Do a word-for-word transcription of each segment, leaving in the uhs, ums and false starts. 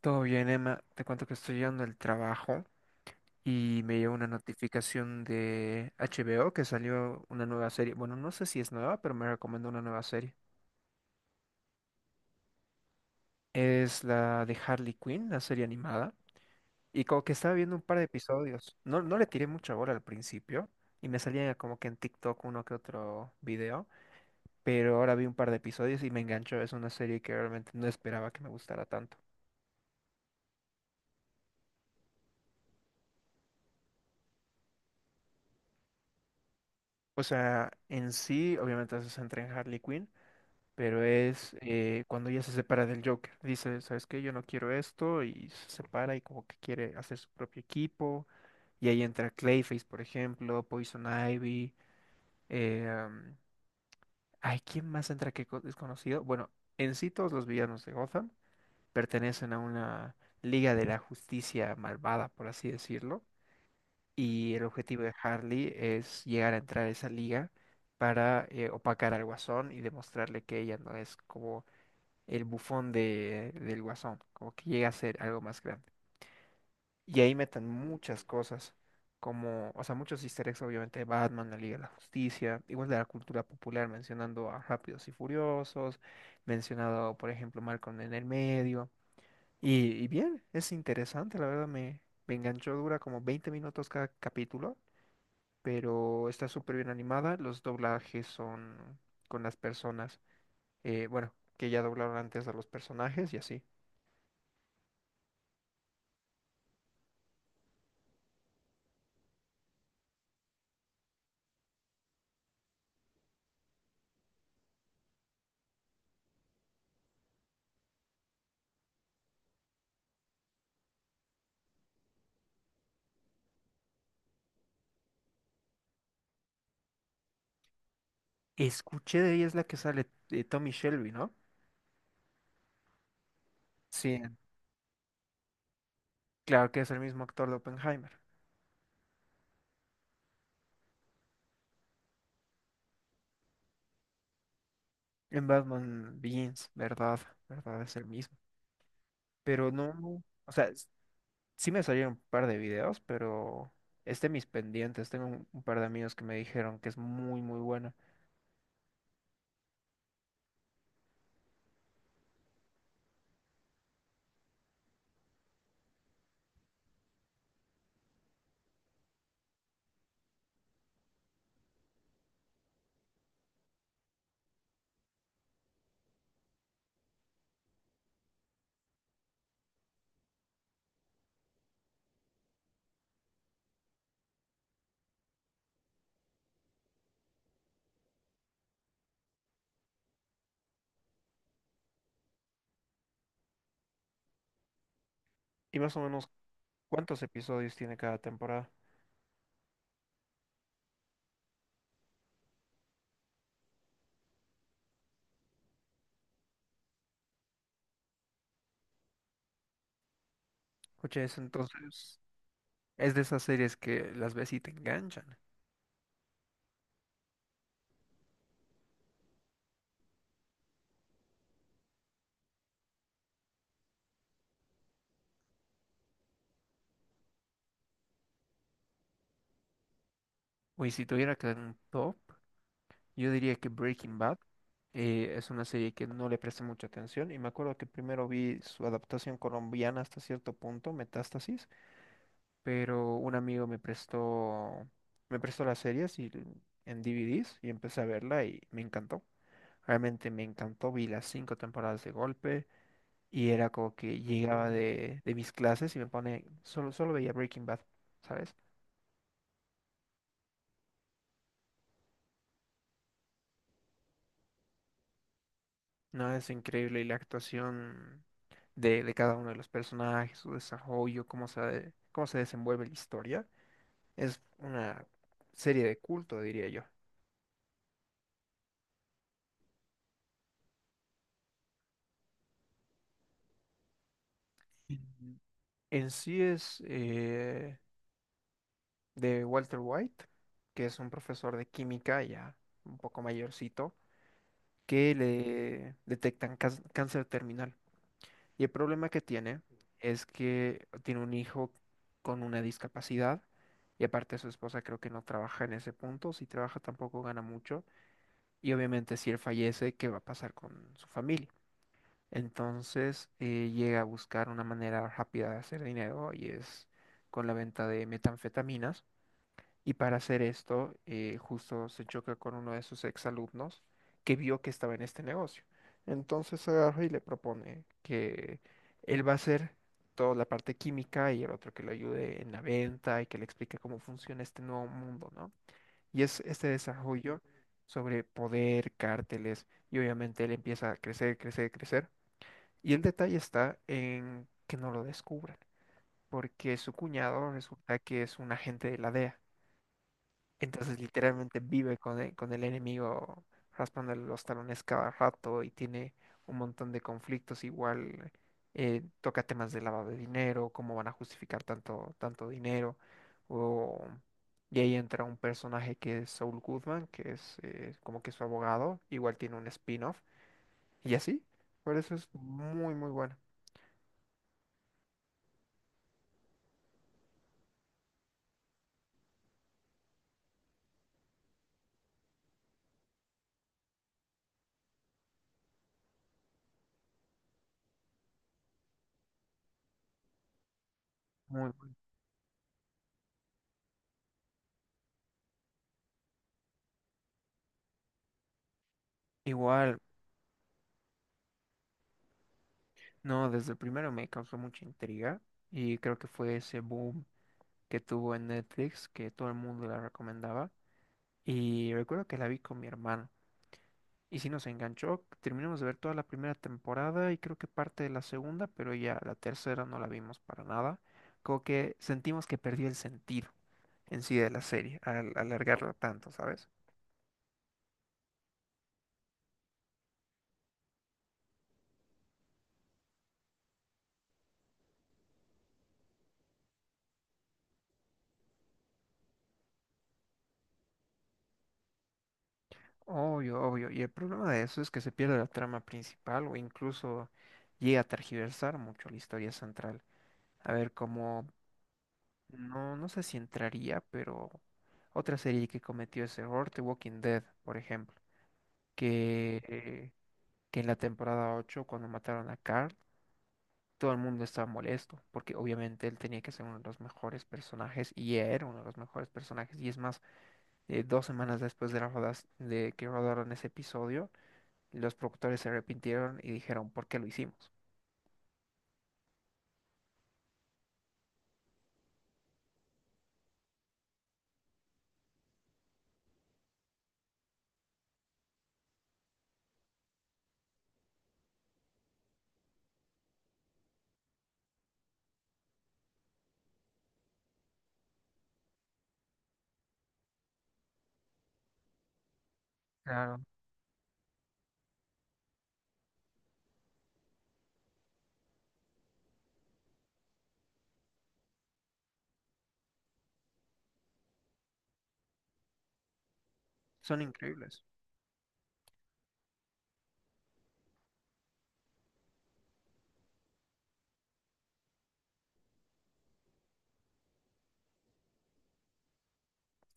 Todo bien, Emma. Te cuento que estoy llegando al trabajo y me llegó una notificación de H B O que salió una nueva serie. Bueno, no sé si es nueva, pero me recomendó una nueva serie. Es la de Harley Quinn, la serie animada. Y como que estaba viendo un par de episodios. No, no le tiré mucha bola al principio y me salía como que en TikTok uno que otro video. Pero ahora vi un par de episodios y me enganchó. Es una serie que realmente no esperaba que me gustara tanto. O sea, en sí, obviamente se centra en Harley Quinn pero es eh, cuando ella se separa del Joker. Dice, ¿sabes qué? Yo no quiero esto y se separa y como que quiere hacer su propio equipo. Y ahí entra Clayface, por ejemplo, Poison Ivy. eh, am, ay, ¿quién más entra que co- desconocido? Bueno, en sí todos los villanos de Gotham pertenecen a una Liga de la Justicia malvada, por así decirlo. Y el objetivo de Harley es llegar a entrar a esa liga para eh, opacar al Guasón y demostrarle que ella no es como el bufón de, del Guasón, como que llega a ser algo más grande. Y ahí metan muchas cosas, como, o sea, muchos easter eggs, obviamente, de Batman, la Liga de la Justicia, igual de la cultura popular, mencionando a Rápidos y Furiosos, mencionado, por ejemplo, Malcolm en el medio. Y, y bien, es interesante, la verdad, me, me enganchó, dura como veinte minutos cada capítulo, pero está súper bien animada, los doblajes son con las personas, eh, bueno, que ya doblaron antes a los personajes y así. Escuché de ella, es la que sale eh, Tommy Shelby, ¿no? Sí, claro que es el mismo actor de Oppenheimer. En Batman Begins, ¿verdad? ¿Verdad? Es el mismo. Pero no, o sea, s- sí me salieron un par de videos, pero es de mis pendientes. Tengo un, un par de amigos que me dijeron que es muy, muy buena. Y más o menos, ¿cuántos episodios tiene cada temporada? Escucha eso, entonces es de esas series que las ves y te enganchan. Uy, si tuviera que dar un top. Yo diría que Breaking Bad eh, es una serie que no le presté mucha atención y me acuerdo que primero vi su adaptación colombiana hasta cierto punto, Metástasis, pero un amigo me prestó me prestó las series y l- en D V Ds y empecé a verla y me encantó. Realmente me encantó, vi las cinco temporadas de golpe y era como que llegaba de, de mis clases y me pone, solo, solo veía Breaking Bad, ¿sabes? No, es increíble. Y la actuación de, de cada uno de los personajes, su desarrollo, cómo se, de- cómo se desenvuelve la historia, es una serie de culto, diría yo. Ujú. En sí es eh, de Walter White, que es un profesor de química ya un poco mayorcito, que le detectan cás- cáncer terminal. Y el problema que tiene es que tiene un hijo con una discapacidad y aparte su esposa creo que no trabaja en ese punto, si trabaja tampoco gana mucho y obviamente si él fallece, ¿qué va a pasar con su familia? Entonces eh, llega a buscar una manera rápida de hacer dinero y es con la venta de metanfetaminas y para hacer esto, eh, justo se choca con uno de sus exalumnos que vio que estaba en este negocio. Entonces agarra y le propone que él va a hacer toda la parte química y el otro que lo ayude en la venta y que le explique cómo funciona este nuevo mundo, ¿no? Y es este desarrollo sobre poder, cárteles, y obviamente él empieza a crecer, crecer, crecer. Y el detalle está en que no lo descubran, porque su cuñado resulta que es un agente de la D E A. Entonces literalmente vive con el, con el enemigo raspándole los talones cada rato y tiene un montón de conflictos. Igual eh, toca temas de lavado de dinero, cómo van a justificar tanto, tanto dinero. O... Y ahí entra un personaje que es Saul Goodman, que es eh, como que su abogado. Igual tiene un spin-off. Y así. Por eso es muy, muy bueno. Muy bueno. Igual, no, desde el primero me causó mucha intriga. Y creo que fue ese boom que tuvo en Netflix, que todo el mundo la recomendaba. Y recuerdo que la vi con mi hermano. Y sí nos enganchó. Terminamos de ver toda la primera temporada y creo que parte de la segunda, pero ya la tercera no la vimos para nada. Como que sentimos que perdió el sentido en sí de la serie al alargarla tanto, ¿sabes? Obvio, obvio. Y el problema de eso es que se pierde la trama principal o incluso llega a tergiversar mucho la historia central. A ver, como No, no sé si entraría, pero otra serie que cometió ese error, The Walking Dead, por ejemplo, que, eh, que en la temporada ocho cuando mataron a Carl, todo el mundo estaba molesto, porque obviamente él tenía que ser uno de los mejores personajes y era uno de los mejores personajes. Y es más, eh, dos semanas después de, las rodas, de que rodaron ese episodio, los productores se arrepintieron y dijeron, ¿por qué lo hicimos? Claro, son increíbles.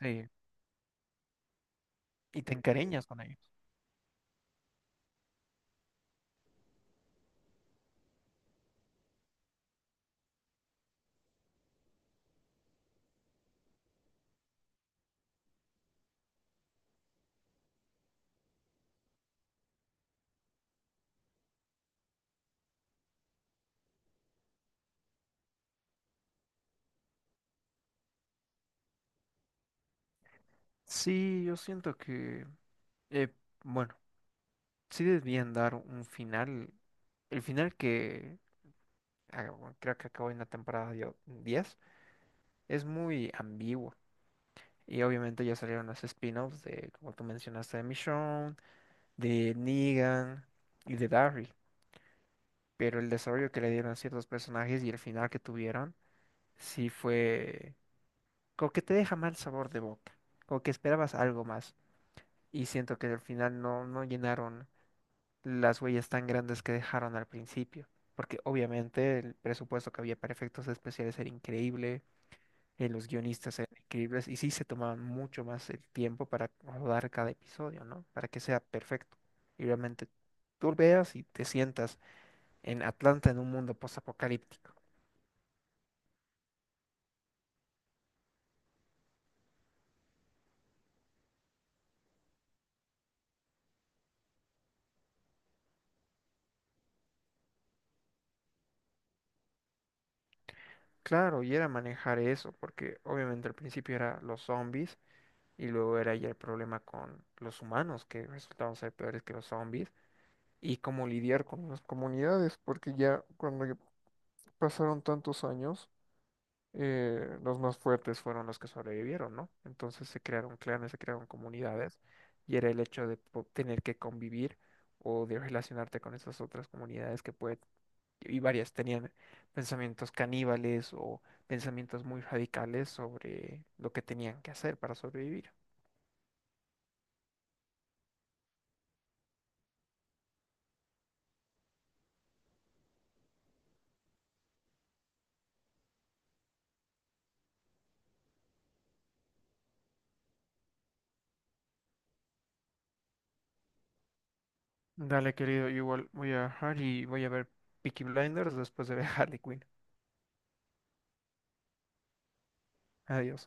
Sí, y te encariñas con ellos. Sí, yo siento que... eh, bueno sí debían dar un final. El final que ah, bueno, creo que acabó en la temporada dio- diez es muy ambiguo. Y obviamente ya salieron los spin-offs de, como tú mencionaste, de Michonne, de Negan y de Daryl. Pero el desarrollo que le dieron a ciertos personajes y el final que tuvieron, sí fue como que te deja mal sabor de boca. Como que esperabas algo más. Y siento que al final no, no llenaron las huellas tan grandes que dejaron al principio, porque obviamente el presupuesto que había para efectos especiales era increíble, eh, los guionistas eran increíbles y sí se tomaban mucho más el tiempo para rodar cada episodio, ¿no? Para que sea perfecto. Y realmente tú veas y te sientas en Atlanta en un mundo postapocalíptico. Claro, y era manejar eso, porque obviamente al principio era los zombies y luego era ya el problema con los humanos que resultaban ser peores que los zombies. Y cómo lidiar con las comunidades, porque ya cuando ya pasaron tantos años, eh, los más fuertes fueron los que sobrevivieron, ¿no? Entonces se crearon clanes, se crearon comunidades, y era el hecho de po- tener que convivir o de relacionarte con esas otras comunidades que puede, y varias tenían pensamientos caníbales o pensamientos muy radicales sobre lo que tenían que hacer para sobrevivir. Dale, querido, igual voy a dejar y voy a ver Peaky Blinders después de ver Harley Quinn. Adiós.